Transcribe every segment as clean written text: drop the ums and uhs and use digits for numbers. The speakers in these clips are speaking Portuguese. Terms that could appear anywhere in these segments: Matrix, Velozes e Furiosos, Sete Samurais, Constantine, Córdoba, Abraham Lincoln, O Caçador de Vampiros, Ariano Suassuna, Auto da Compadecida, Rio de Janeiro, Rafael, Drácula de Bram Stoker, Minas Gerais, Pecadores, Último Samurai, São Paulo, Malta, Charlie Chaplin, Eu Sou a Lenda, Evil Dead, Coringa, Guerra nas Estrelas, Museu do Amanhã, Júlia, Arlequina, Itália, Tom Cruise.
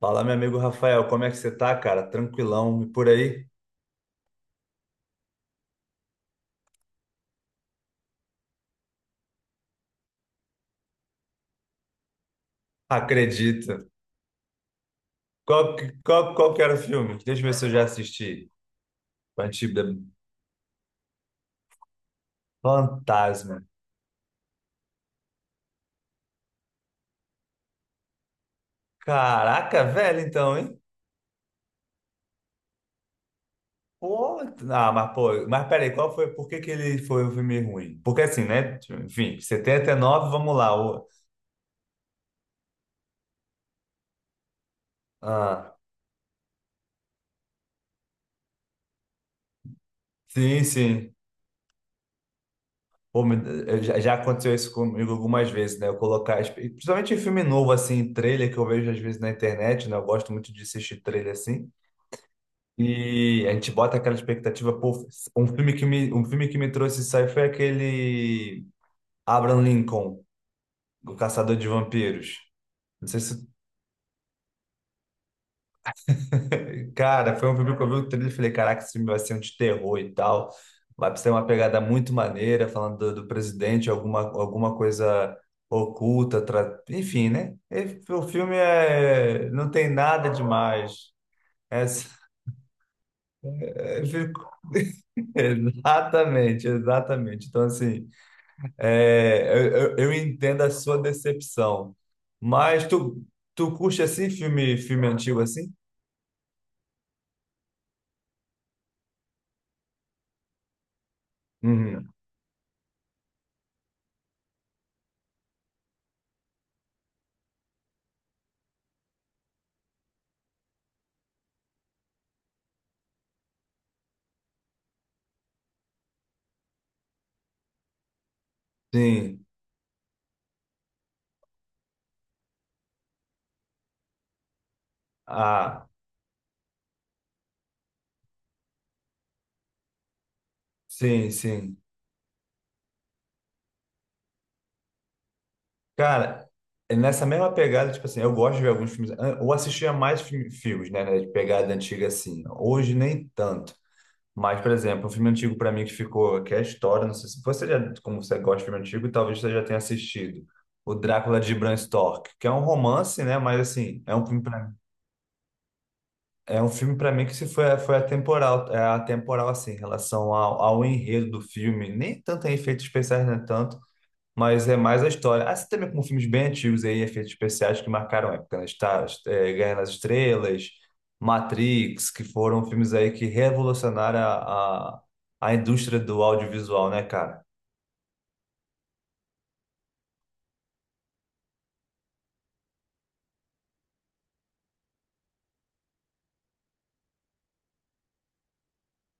Fala, meu amigo Rafael, como é que você tá, cara? Tranquilão, e por aí? Acredito. Qual, qual, qual que era o filme? Deixa eu ver se eu já assisti. Antibia- Fantasma. Caraca, velho, então, hein? Pô, ah, mas pô, mas peraí, qual foi, por que que ele foi um filme ruim? Porque assim, né? Enfim, 79, vamos lá. Ah, sim, sim. Pô, eu já aconteceu isso comigo algumas vezes, né? Eu colocar, principalmente em filme novo, assim, trailer que eu vejo às vezes na internet, né? Eu gosto muito de assistir trailer assim. E a gente bota aquela expectativa, pô, um filme que me trouxe isso aí foi aquele Abraham Lincoln, O Caçador de Vampiros. Não sei se. Cara, foi um filme que eu vi o trailer e falei, caraca, esse filme vai ser um de terror e tal. Vai ser uma pegada muito maneira, falando do presidente, alguma coisa oculta, enfim, né? E o filme é... não tem nada demais. É, s- é, fico- Exatamente, exatamente. Então, assim, é, eu, eu entendo a sua decepção. Mas tu curte assim filme antigo assim? Uhum. Sim. Ah. Sim, sim. Cara, é nessa mesma pegada, tipo assim, eu gosto de ver alguns filmes, ou assistia mais filmes, né, de pegada antiga assim. Hoje nem tanto. Mas, por exemplo, um filme antigo pra mim que ficou, que é a história, não sei se você já, como você gosta de filme antigo, talvez você já tenha assistido. O Drácula de Bram Stoker, que é um romance, né, mas assim, é um filme para mim que se foi, foi atemporal, é atemporal assim, em relação ao enredo do filme, nem tanto em efeitos especiais, né, tanto. Mas é mais a história. Assim também como filmes bem antigos aí, efeitos especiais que marcaram a época, né? Guerra nas Estrelas, Matrix, que foram filmes aí que revolucionaram a indústria do audiovisual, né, cara?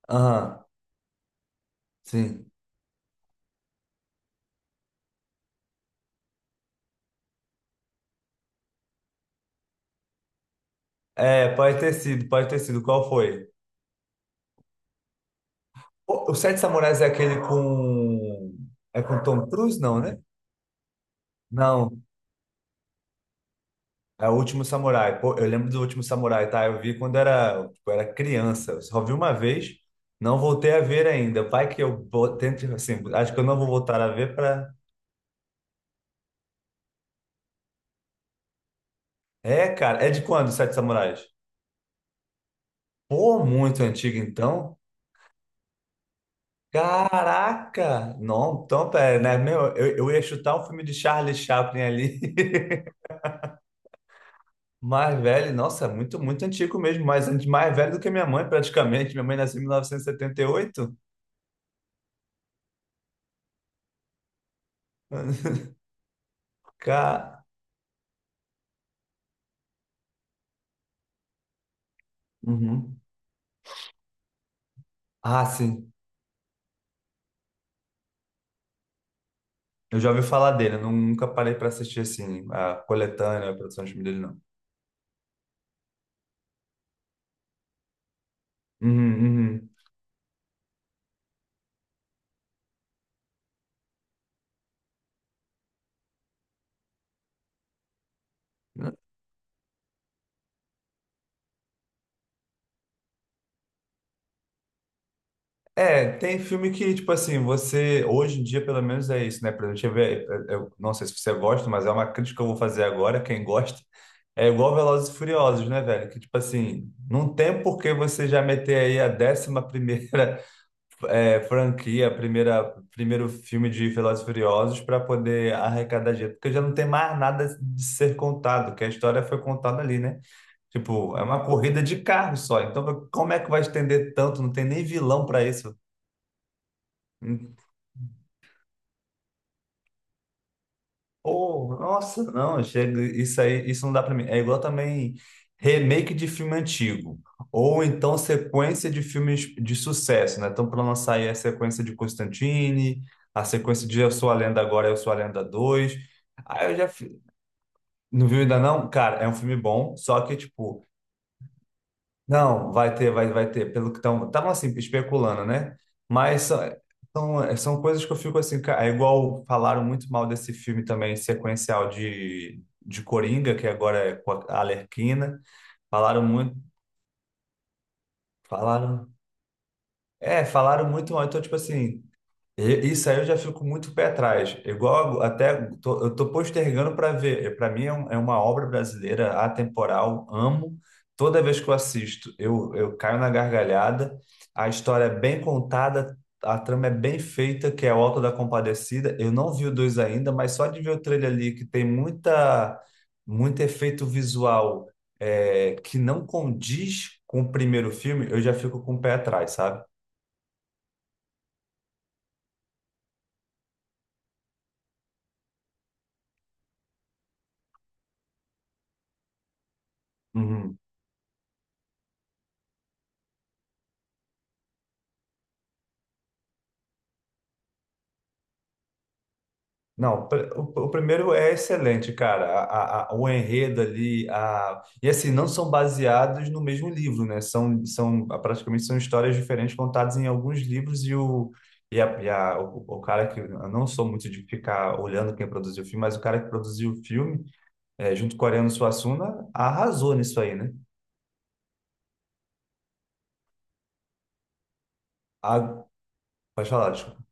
Aham, sim. É, pode ter sido, pode ter sido. Qual foi? O Sete Samurais é aquele com... É com Tom Cruise, não, né? Não. É o Último Samurai. Pô, eu lembro do Último Samurai, tá? Eu vi quando era, tipo, era criança. Eu só vi uma vez, não voltei a ver ainda. Vai que tento, assim, acho que eu não vou voltar a ver pra... É, cara, é de quando, os Sete Samurais? Pô, muito antigo, então. Caraca! Não, então, pera, né? Meu, eu ia chutar um filme de Charlie Chaplin ali. Mais velho, nossa, muito, muito antigo mesmo. Mais velho do que minha mãe, praticamente. Minha mãe nasceu em mil novecentos e setenta e oito. Cara... Ah, sim. Eu já ouvi falar dele. Eu nunca parei para assistir assim a coletânea, a produção de filme dele, não. Uhum, uhum. É, tem filme que, tipo assim, você. Hoje em dia, pelo menos, é isso, né? Pra gente ver. Eu não sei se você gosta, mas é uma crítica que eu vou fazer agora. Quem gosta. É igual Velozes e Furiosos, né, velho? Que, tipo assim, não tem por que você já meter aí a 11ª. É, franquia, primeira, primeiro filme de Velozes e Furiosos para poder arrecadar dinheiro, porque já não tem mais nada de ser contado, que a história foi contada ali, né? Tipo, é uma corrida de carro só, então como é que vai estender tanto? Não tem nem vilão para isso. Oh, nossa, não, chega, isso aí, isso não dá pra mim. É igual também remake de filme antigo, ou então sequência de filmes de sucesso, né? Então, para lançar aí a sequência de Constantine, a sequência de Eu Sou a Lenda. Agora, Eu Sou a Lenda 2. Aí eu já fi- não viu ainda não? Cara, é um filme bom, só que tipo, não, vai ter, vai ter, pelo que estão, estavam assim, especulando, né? Mas são coisas que eu fico assim, é igual falaram muito mal desse filme também, sequencial de Coringa, que agora é com a Arlequina, falaram muito, falaram, falaram muito mal, então tipo assim, Isso aí eu já fico muito pé atrás. Igual até eu tô postergando para ver. Para mim é, é uma obra brasileira atemporal. Amo. Toda vez que eu assisto, eu caio na gargalhada. A história é bem contada, a trama é bem feita, que é o Auto da Compadecida. Eu não vi o dois ainda, mas só de ver o trailer ali que tem muita muito efeito visual, é, que não condiz com o primeiro filme, eu já fico com o pé atrás, sabe? Uhum. Não, o primeiro é excelente, cara. O enredo ali, a, e assim, não são baseados no mesmo livro, né? São praticamente são histórias diferentes contadas em alguns livros e a, o cara que eu não sou muito de ficar olhando quem produziu o filme, mas o cara que produziu o filme, é, junto com o Ariano Suassuna, arrasou nisso aí, né? A, pode falar, desculpa.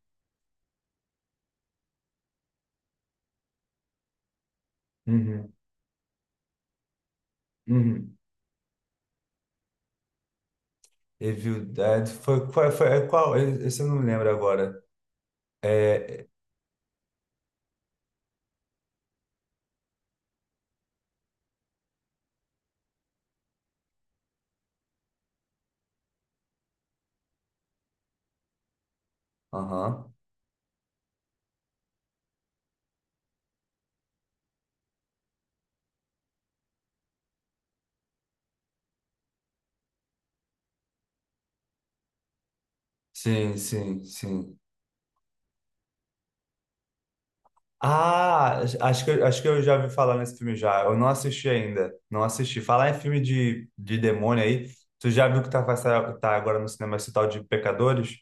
Uhum, uhum. Evil Dead foi, foi é qual? Esse eu não lembro agora. É, aham. Sim, sim, sim. Ah, acho que, acho que eu já ouvi falar nesse filme já. Eu não assisti ainda. Não assisti. Falar em filme de demônio aí. Tu já viu que tá, tá agora no cinema esse tal de Pecadores?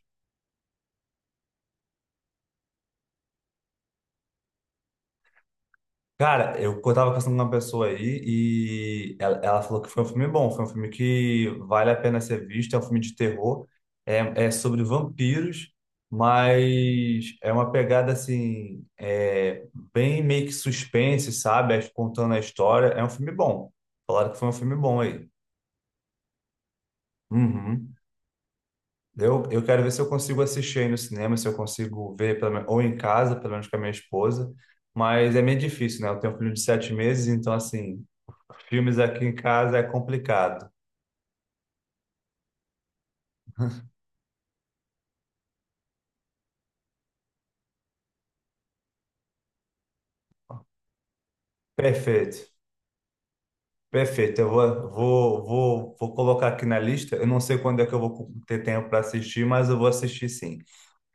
Cara, eu tava conversando com uma pessoa aí e ela falou que foi um filme bom, foi um filme que vale a pena ser visto, é um filme de terror, é sobre vampiros, mas é uma pegada assim, é, bem meio que suspense, sabe? É, contando a história, é um filme bom. Falaram que foi um filme bom aí. Uhum. Eu quero ver se eu consigo assistir aí no cinema, se eu consigo ver, pelo menos, ou em casa, pelo menos com a minha esposa, mas é meio difícil, né? Eu tenho um filho de 7 meses, então assim. Filmes aqui em casa é complicado. Perfeito, perfeito. Eu vou colocar aqui na lista. Eu não sei quando é que eu vou ter tempo para assistir, mas eu vou assistir sim.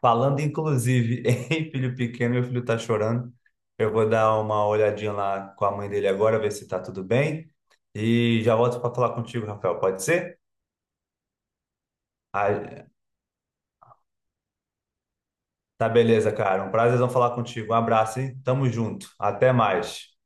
Falando inclusive em filho pequeno, meu filho está chorando. Eu vou dar uma olhadinha lá com a mãe dele agora, ver se está tudo bem. E já volto para falar contigo, Rafael. Pode ser? Ah, tá beleza, cara. Um prazer falar contigo. Um abraço, hein? Tamo junto. Até mais.